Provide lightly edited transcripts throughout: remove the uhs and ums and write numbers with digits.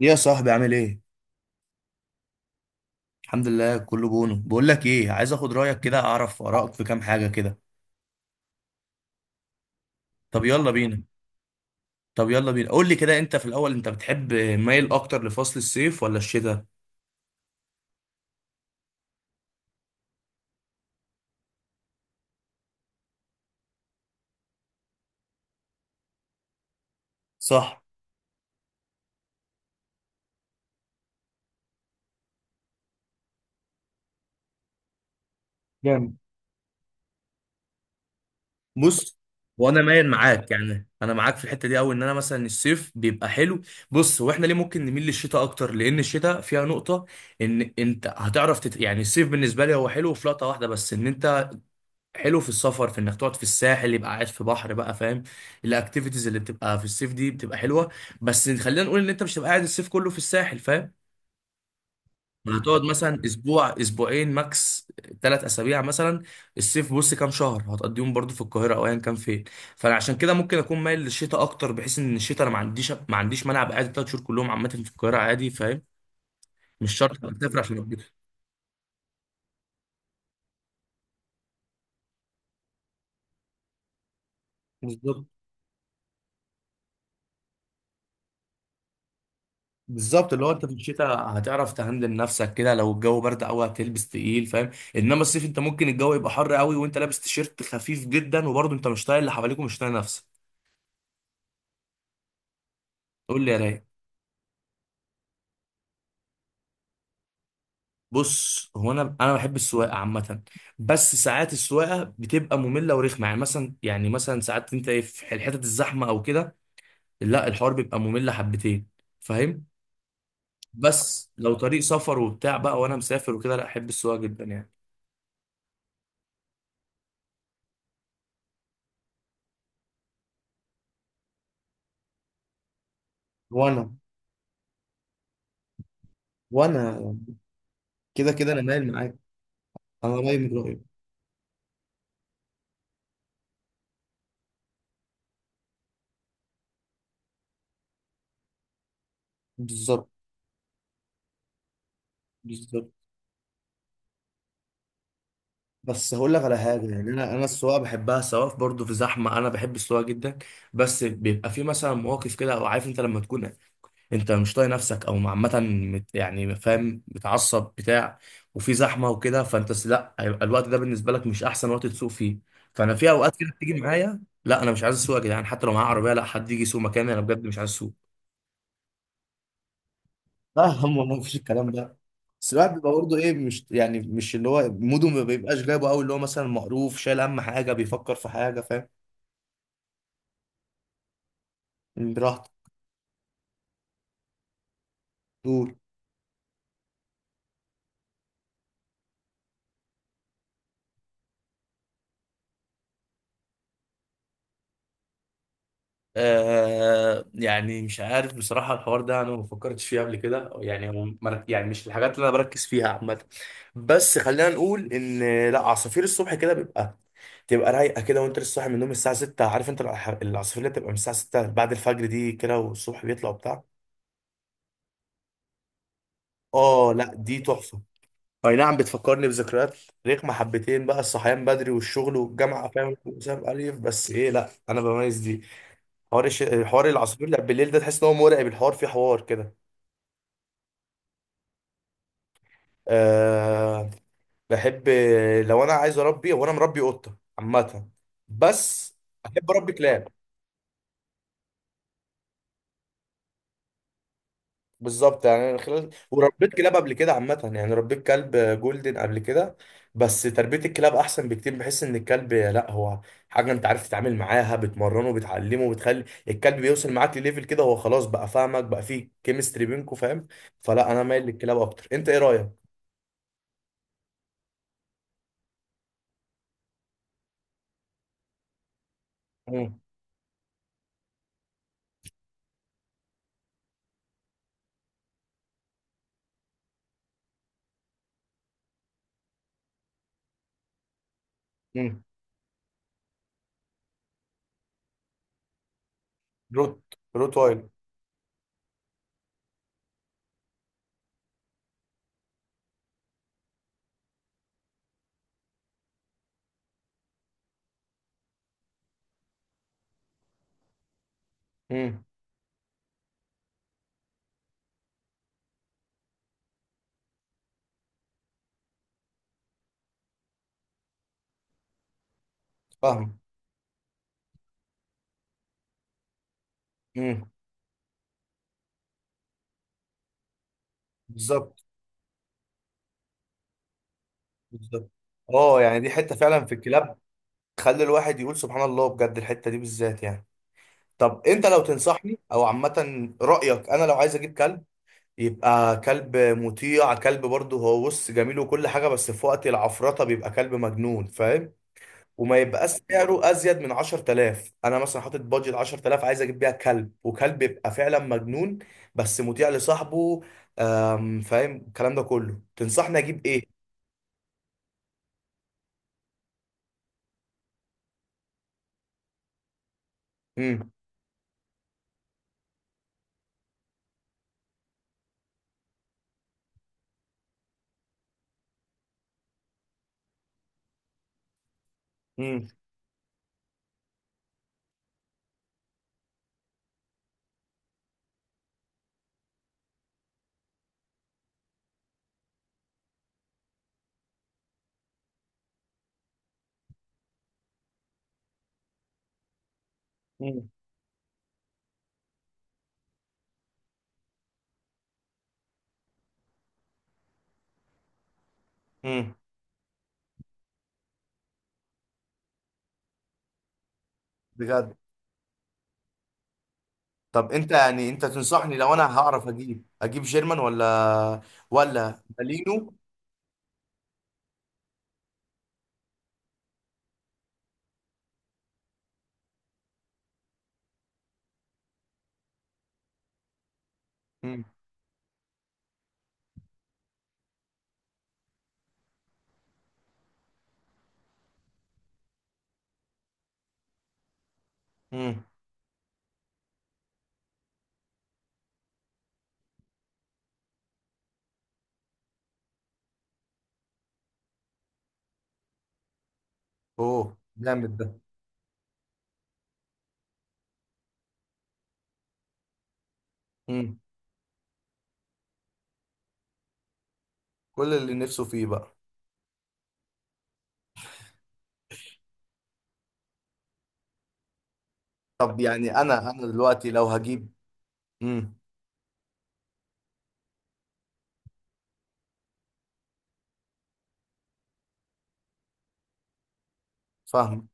ايه يا صاحبي عامل ايه؟ الحمد لله كله بونو. بقول لك ايه، عايز اخد رايك كده، اعرف ارائك في كام حاجه كده. طب يلا بينا. طب يلا بينا، قول لي كده، انت في الاول بتحب مايل اكتر لفصل الصيف ولا الشتاء؟ صح. جامد. بص، وانا مايل معاك، يعني انا معاك في الحته دي قوي، ان انا مثلا الصيف بيبقى حلو. بص، واحنا ليه ممكن نميل للشتاء اكتر؟ لان الشتاء فيها نقطه ان انت هتعرف يعني الصيف بالنسبه لي هو حلو في لقطه واحده بس، ان انت حلو في السفر، في انك تقعد في الساحل يبقى قاعد في بحر بقى، فاهم. الاكتيفيتيز اللي بتبقى في الصيف دي بتبقى حلوه. بس خلينا نقول ان انت مش هتبقى قاعد الصيف كله في الساحل، فاهم. يعني هتقعد مثلا اسبوع، اسبوعين ماكس، ثلاث اسابيع مثلا. الصيف بص كام شهر هتقضيهم برضو في القاهره او ايا كان فين. فانا عشان كده ممكن اكون مايل للشتاء اكتر، بحيث ان الشتاء انا ما عنديش مانع ابقى قاعد ثلاث شهور كلهم عامه في القاهره عادي، فاهم. مش شرط أبقى مسافر عشان أتبسط. بالظبط. بالظبط، اللي هو انت في الشتاء هتعرف تهندل نفسك كده، لو الجو برد قوي هتلبس تقيل، فاهم. انما الصيف انت ممكن الجو يبقى حر قوي وانت لابس تيشيرت خفيف جدا، وبرضه انت مش طايق اللي حواليك ومش طايق نفسك. قول لي يا رايق. بص هو انا بحب السواقه عامه، بس ساعات السواقه بتبقى ممله ورخمه. يعني مثلا ساعات انت ايه في الحتت الزحمه او كده، لا الحوار بيبقى ممل حبتين، فاهم. بس لو طريق سفر وبتاع بقى، وانا مسافر وكده، لا احب السواقه جدا يعني. وانا وانا كده كده انا مايل معاك. انا رايي من رايك. بالظبط. بالظبط. بس هقول لك على حاجه يعني، انا السواقه بحبها سواء برضه في زحمه، انا بحب السواقه جدا. بس بيبقى في مثلا مواقف كده، او عارف انت لما تكون انت مش طايق نفسك او عامه، يعني فاهم، متعصب بتاع، وفي زحمه وكده، لا، هيبقى الوقت ده بالنسبه لك مش احسن وقت تسوق فيه. فانا في اوقات كده بتيجي معايا، لا انا مش عايز اسوق يا جدعان، حتى لو معايا عربيه لا، حد يجي يسوق مكاني، انا بجد مش عايز اسوق. لا يا عم، ما فيش الكلام ده. بس الواحد بيبقى برضه ايه، مش يعني مش اللي هو موده ما بيبقاش جايبه قوي، اللي هو مثلا مقروف، شايل هم حاجه، بيفكر في حاجه، فاهم. براحته. طول. آه يعني مش عارف بصراحة، الحوار ده أنا ما فكرتش فيه قبل كده يعني، هو يعني مش الحاجات اللي أنا بركز فيها عامة. بس خلينا نقول إن، لا، عصافير الصبح كده بيبقى تبقى رايقة كده وأنت لسه صاحي من النوم الساعة 6، عارف أنت العصافير اللي بتبقى من الساعة 6 بعد الفجر دي كده، والصبح بيطلع وبتاع. آه لا، دي تحفة. اي نعم، بتفكرني بذكريات رخمة حبتين بقى، الصحيان بدري والشغل والجامعة، فاهم، وسام ألف، بس ايه لا انا بميز دي. حوار العصافير اللي بالليل ده تحس ان هو مرعب، الحوار فيه حوار كده. أه بحب. لو انا عايز اربي، وانا مربي قطة عامة، بس احب اربي كلاب. بالظبط، يعني أنا خلال وربيت كلاب قبل كده عامة، يعني ربيت كلب جولدن قبل كده. بس تربية الكلاب أحسن بكتير، بحس إن الكلب لا هو حاجة أنت عارف تتعامل معاها، بتمرنه، بتعلمه، بتخلي الكلب بيوصل معاك لليفل كده هو خلاص بقى فاهمك، بقى فيه كيمستري بينكوا، فاهم. فلا أنا مايل للكلاب أكتر، أنت إيه رأيك؟ مم. مم. روت. روت وايل. مم. فاهم. مم. بالظبط. بالظبط. أه يعني دي حتة فعلا في الكلاب، تخلي الواحد يقول سبحان الله بجد، الحتة دي بالذات يعني. طب انت لو تنصحني او عامه رايك، انا لو عايز اجيب كلب، يبقى كلب مطيع، كلب برضه هو بص جميل وكل حاجه، بس في وقت العفرطه بيبقى كلب مجنون، فاهم. وما يبقاش سعره ازيد من 10000، انا مثلا حاطط بادجت 10000، عايز اجيب بيها كلب، وكلب يبقى فعلا مجنون بس مطيع لصاحبه. فاهم الكلام ده كله، تنصحني اجيب ايه؟ امم. امم. امم بجد. طب انت يعني انت تنصحني لو انا هعرف اجيب، جيرمان ولا، ولا بالينو. امم. امم. اوه. جامد ده. امم. كل اللي نفسه فيه بقى. طب يعني انا دلوقتي لو هجيب. امم. فاهم.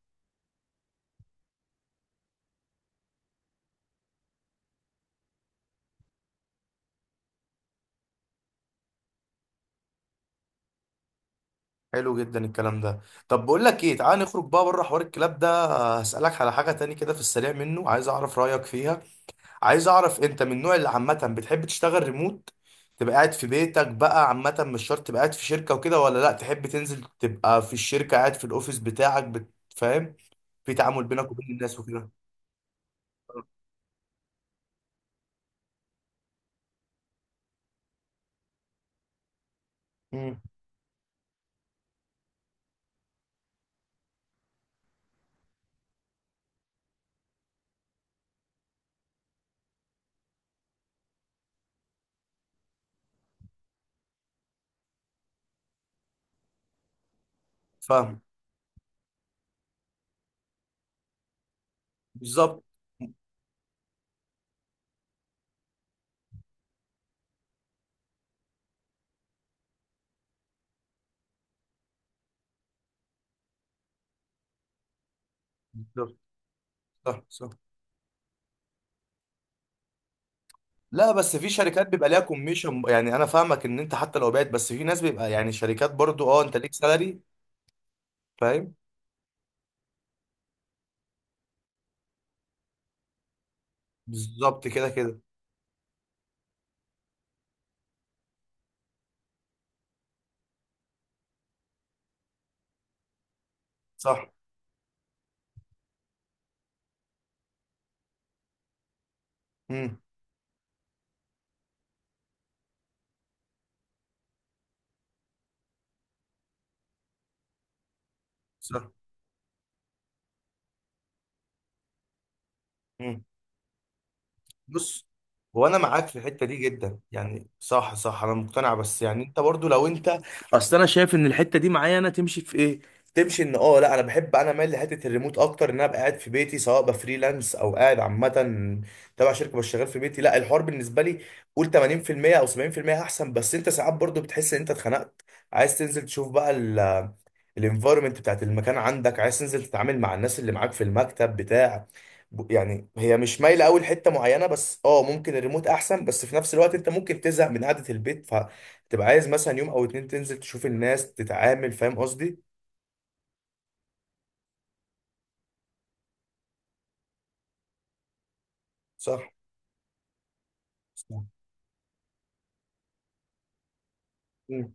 حلو جدا الكلام ده. طب بقول لك ايه، تعال نخرج بقى بره حوار الكلاب ده. هسألك على حاجة تاني كده في السريع منه، عايز اعرف رأيك فيها. عايز اعرف انت من النوع اللي عامه بتحب تشتغل ريموت، تبقى قاعد في بيتك بقى عامه، مش شرط تبقى قاعد في شركه وكده، ولا لا تحب تنزل تبقى في الشركه، قاعد في الاوفيس بتاعك فاهم، في تعامل بينك وبين الناس وكده. امم. فاهم. بالظبط. بالظبط. صح. صح. لا بس في شركات بيبقى ليها كوميشن، يعني انا فاهمك ان انت حتى لو بعت، بس في ناس بيبقى يعني شركات برضو اه انت ليك سالري. فاهم. بالظبط كده كده. صح. امم. صح. بص هو انا معاك في الحته دي جدا، يعني صح صح، انا مقتنع. بس يعني انت برضو لو انت، اصل انا شايف ان الحته دي معايا انا تمشي في ايه، تمشي ان اه، لا انا بحب، انا مايل لحته الريموت اكتر، ان انا ابقى قاعد في بيتي سواء بفريلانس او قاعد عامه تبع شركه بس شغال في بيتي، لا الحوار بالنسبه لي قول 80% او 70% احسن. بس انت ساعات برضو بتحس ان انت اتخنقت، عايز تنزل تشوف بقى الانفايرمنت بتاعت المكان عندك، عايز تنزل تتعامل مع الناس اللي معاك في المكتب بتاع، يعني هي مش مايله قوي لحته معينه، بس اه ممكن الريموت احسن، بس في نفس الوقت انت ممكن تزهق من قعده البيت، فتبقى عايز مثلا يوم او اتنين تنزل تشوف الناس تتعامل، فاهم قصدي. صح. صح. مم.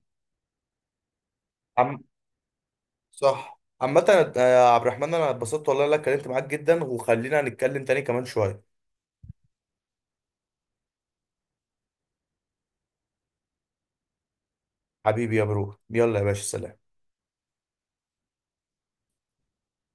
عم. صح عامة. يا عبد الرحمن، انا اتبسطت والله إن انا اتكلمت معاك جدا، وخلينا نتكلم تاني كمان شوية. حبيبي يا برو، يلا يا باشا، سلام.